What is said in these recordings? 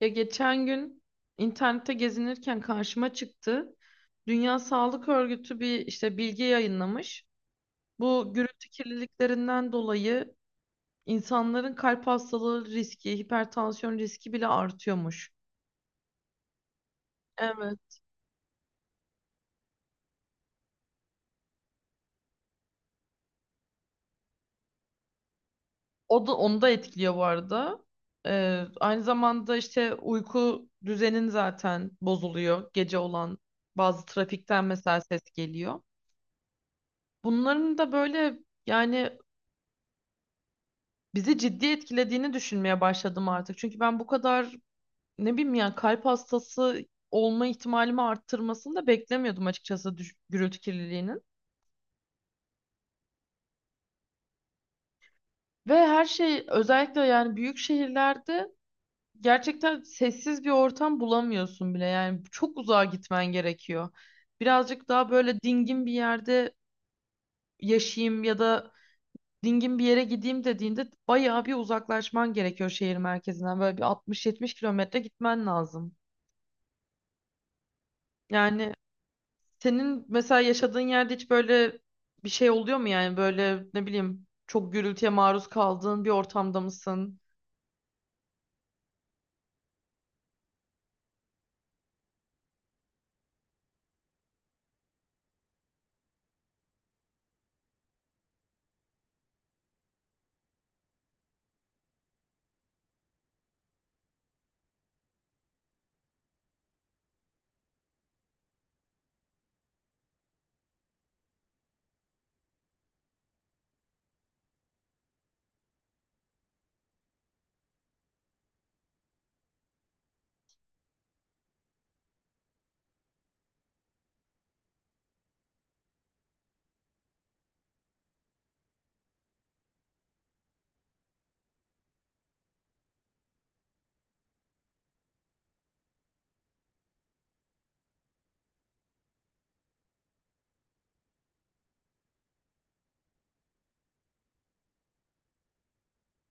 Ya geçen gün internette gezinirken karşıma çıktı. Dünya Sağlık Örgütü bir işte bilgi yayınlamış. Bu gürültü kirliliklerinden dolayı insanların kalp hastalığı riski, hipertansiyon riski bile artıyormuş. Evet. O da onu da etkiliyor bu arada. Aynı zamanda işte uyku düzenin zaten bozuluyor. Gece olan bazı trafikten mesela ses geliyor. Bunların da böyle yani bizi ciddi etkilediğini düşünmeye başladım artık. Çünkü ben bu kadar ne bileyim yani kalp hastası olma ihtimalimi arttırmasını da beklemiyordum açıkçası gürültü kirliliğinin. Ve her şey özellikle yani büyük şehirlerde gerçekten sessiz bir ortam bulamıyorsun bile. Yani çok uzağa gitmen gerekiyor. Birazcık daha böyle dingin bir yerde yaşayayım ya da dingin bir yere gideyim dediğinde bayağı bir uzaklaşman gerekiyor şehir merkezinden. Böyle bir 60-70 kilometre gitmen lazım. Yani. Senin mesela yaşadığın yerde hiç böyle bir şey oluyor mu yani böyle ne bileyim çok gürültüye maruz kaldığın bir ortamda mısın?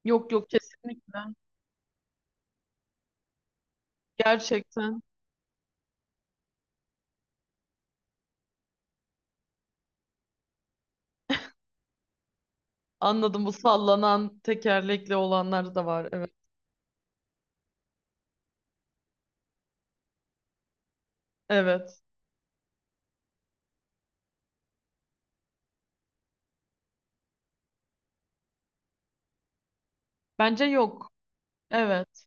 Yok yok kesinlikle. Gerçekten anladım, bu sallanan tekerlekli olanlar da var. Evet. Evet. Bence yok. Evet.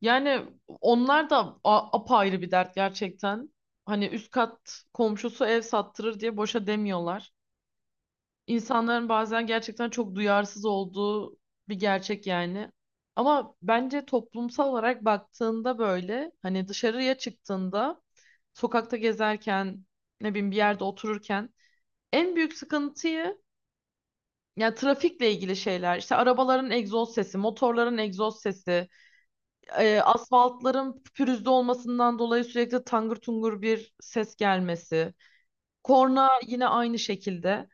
Yani onlar da apayrı bir dert gerçekten. Hani üst kat komşusu ev sattırır diye boşa demiyorlar. İnsanların bazen gerçekten çok duyarsız olduğu bir gerçek yani. Ama bence toplumsal olarak baktığında böyle hani dışarıya çıktığında sokakta gezerken ne bileyim bir yerde otururken en büyük sıkıntıyı yani trafikle ilgili şeyler işte arabaların egzoz sesi, motorların egzoz sesi, asfaltların pürüzlü olmasından dolayı sürekli tangır tungur bir ses gelmesi. Korna yine aynı şekilde.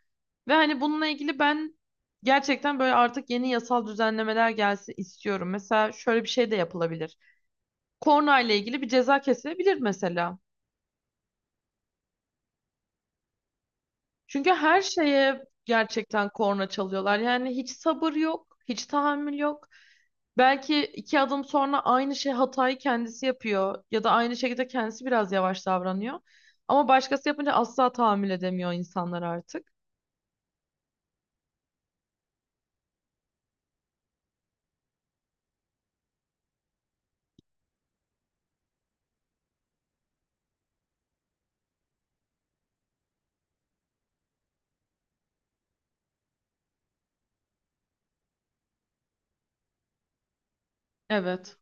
Ve hani bununla ilgili ben gerçekten böyle artık yeni yasal düzenlemeler gelsin istiyorum. Mesela şöyle bir şey de yapılabilir. Korna ile ilgili bir ceza kesilebilir mesela. Çünkü her şeye gerçekten korna çalıyorlar. Yani hiç sabır yok, hiç tahammül yok. Belki iki adım sonra aynı şey hatayı kendisi yapıyor ya da aynı şekilde kendisi biraz yavaş davranıyor. Ama başkası yapınca asla tahammül edemiyor insanlar artık. Evet.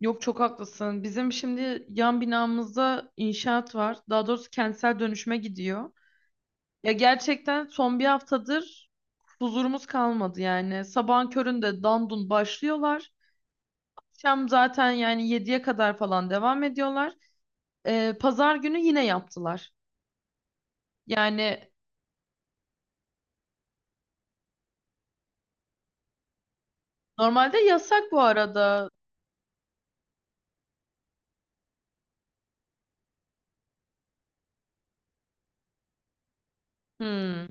Yok, çok haklısın. Bizim şimdi yan binamızda inşaat var. Daha doğrusu kentsel dönüşüme gidiyor. Ya gerçekten son bir haftadır huzurumuz kalmadı yani. Sabahın köründe dandun başlıyorlar. Akşam zaten yani yediye kadar falan devam ediyorlar. Pazar günü yine yaptılar. Yani normalde yasak bu arada. Hmm.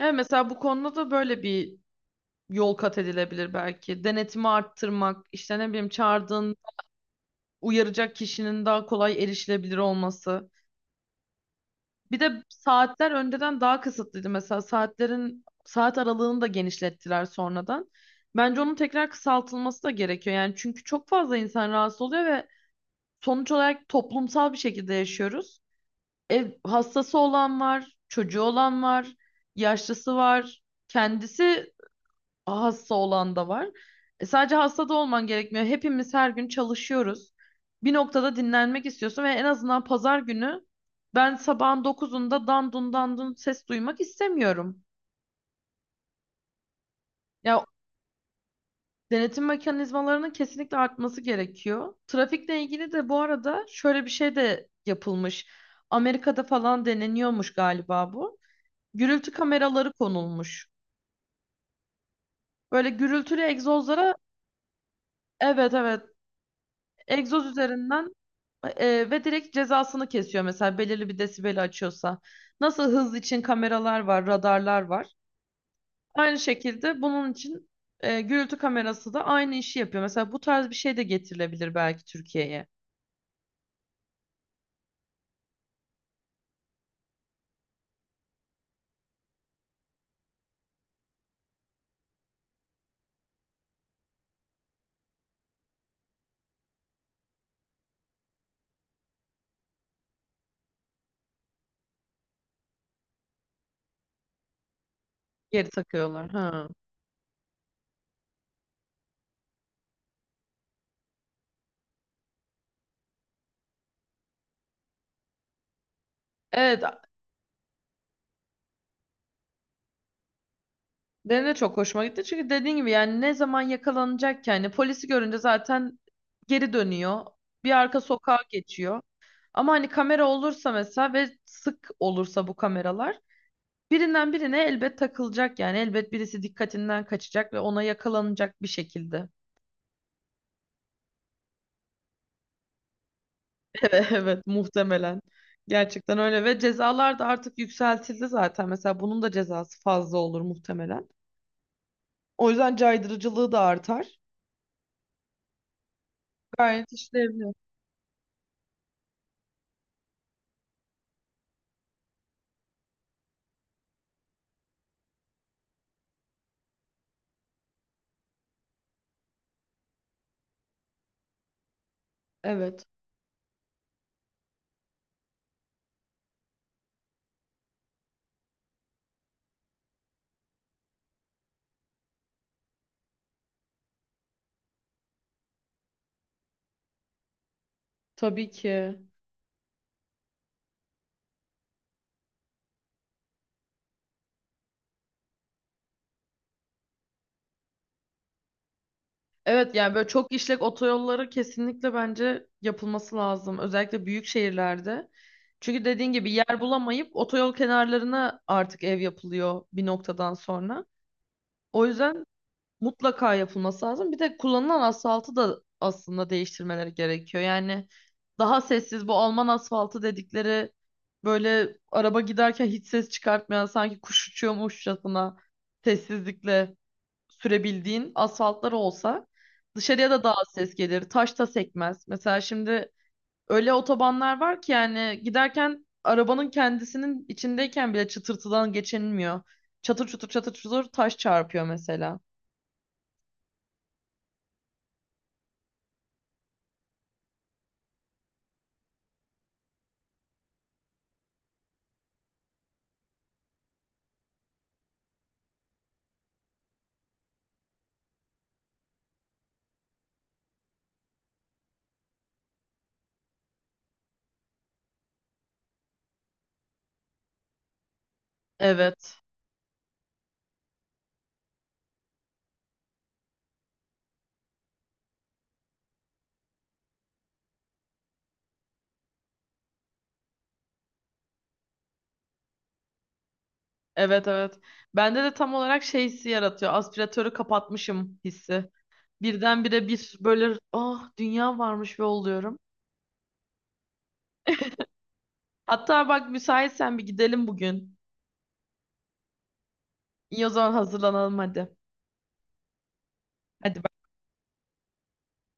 Evet, mesela bu konuda da böyle bir yol kat edilebilir belki. Denetimi arttırmak, işte ne bileyim çağırdığın uyaracak kişinin daha kolay erişilebilir olması. Bir de saatler önceden daha kısıtlıydı. Mesela saatlerin saat aralığını da genişlettiler sonradan. Bence onun tekrar kısaltılması da gerekiyor. Yani çünkü çok fazla insan rahatsız oluyor ve sonuç olarak toplumsal bir şekilde yaşıyoruz. Ev hastası olan var, çocuğu olan var, yaşlısı var. Kendisi hasta olan da var. E, sadece hasta da olman gerekmiyor. Hepimiz her gün çalışıyoruz. Bir noktada dinlenmek istiyorsun ve en azından pazar günü ben sabahın dokuzunda dandun dandun ses duymak istemiyorum. Ya denetim mekanizmalarının kesinlikle artması gerekiyor. Trafikle ilgili de bu arada şöyle bir şey de yapılmış. Amerika'da falan deneniyormuş galiba bu. Gürültü kameraları konulmuş. Böyle gürültülü egzozlara evet, evet, egzoz üzerinden ve direkt cezasını kesiyor mesela belirli bir desibeli açıyorsa. Nasıl hız için kameralar var, radarlar var. Aynı şekilde bunun için gürültü kamerası da aynı işi yapıyor. Mesela bu tarz bir şey de getirilebilir belki Türkiye'ye. Geri takıyorlar. Ha. Evet, benim de çok hoşuma gitti. Çünkü dediğin gibi yani ne zaman yakalanacak ki yani polisi görünce zaten geri dönüyor. Bir arka sokağa geçiyor. Ama hani kamera olursa mesela ve sık olursa bu kameralar birinden birine elbet takılacak yani elbet birisi dikkatinden kaçacak ve ona yakalanacak bir şekilde. Evet, evet muhtemelen. Gerçekten öyle ve cezalar da artık yükseltildi zaten. Mesela bunun da cezası fazla olur muhtemelen. O yüzden caydırıcılığı da artar. Gayet işlevli. Evet, tabii ki. Evet yani böyle çok işlek otoyolları kesinlikle bence yapılması lazım. Özellikle büyük şehirlerde. Çünkü dediğin gibi yer bulamayıp otoyol kenarlarına artık ev yapılıyor bir noktadan sonra. O yüzden mutlaka yapılması lazım. Bir de kullanılan asfaltı da aslında değiştirmeleri gerekiyor. Yani daha sessiz bu Alman asfaltı dedikleri böyle araba giderken hiç ses çıkartmayan sanki kuş uçuyormuşçasına sessizlikle sürebildiğin asfaltlar olsa dışarıya da daha az ses gelir. Taş da sekmez. Mesela şimdi öyle otobanlar var ki yani giderken arabanın kendisinin içindeyken bile çıtırtıdan geçinmiyor. Çatır çutur çatır çutur taş çarpıyor mesela. Evet. Evet evet. Bende de tam olarak şey hissi yaratıyor. Aspiratörü kapatmışım hissi. Birdenbire bir böyle ah dünya varmış ve oluyorum. Hatta bak müsaitsen bir gidelim bugün. İyi o zaman hazırlanalım hadi. Hadi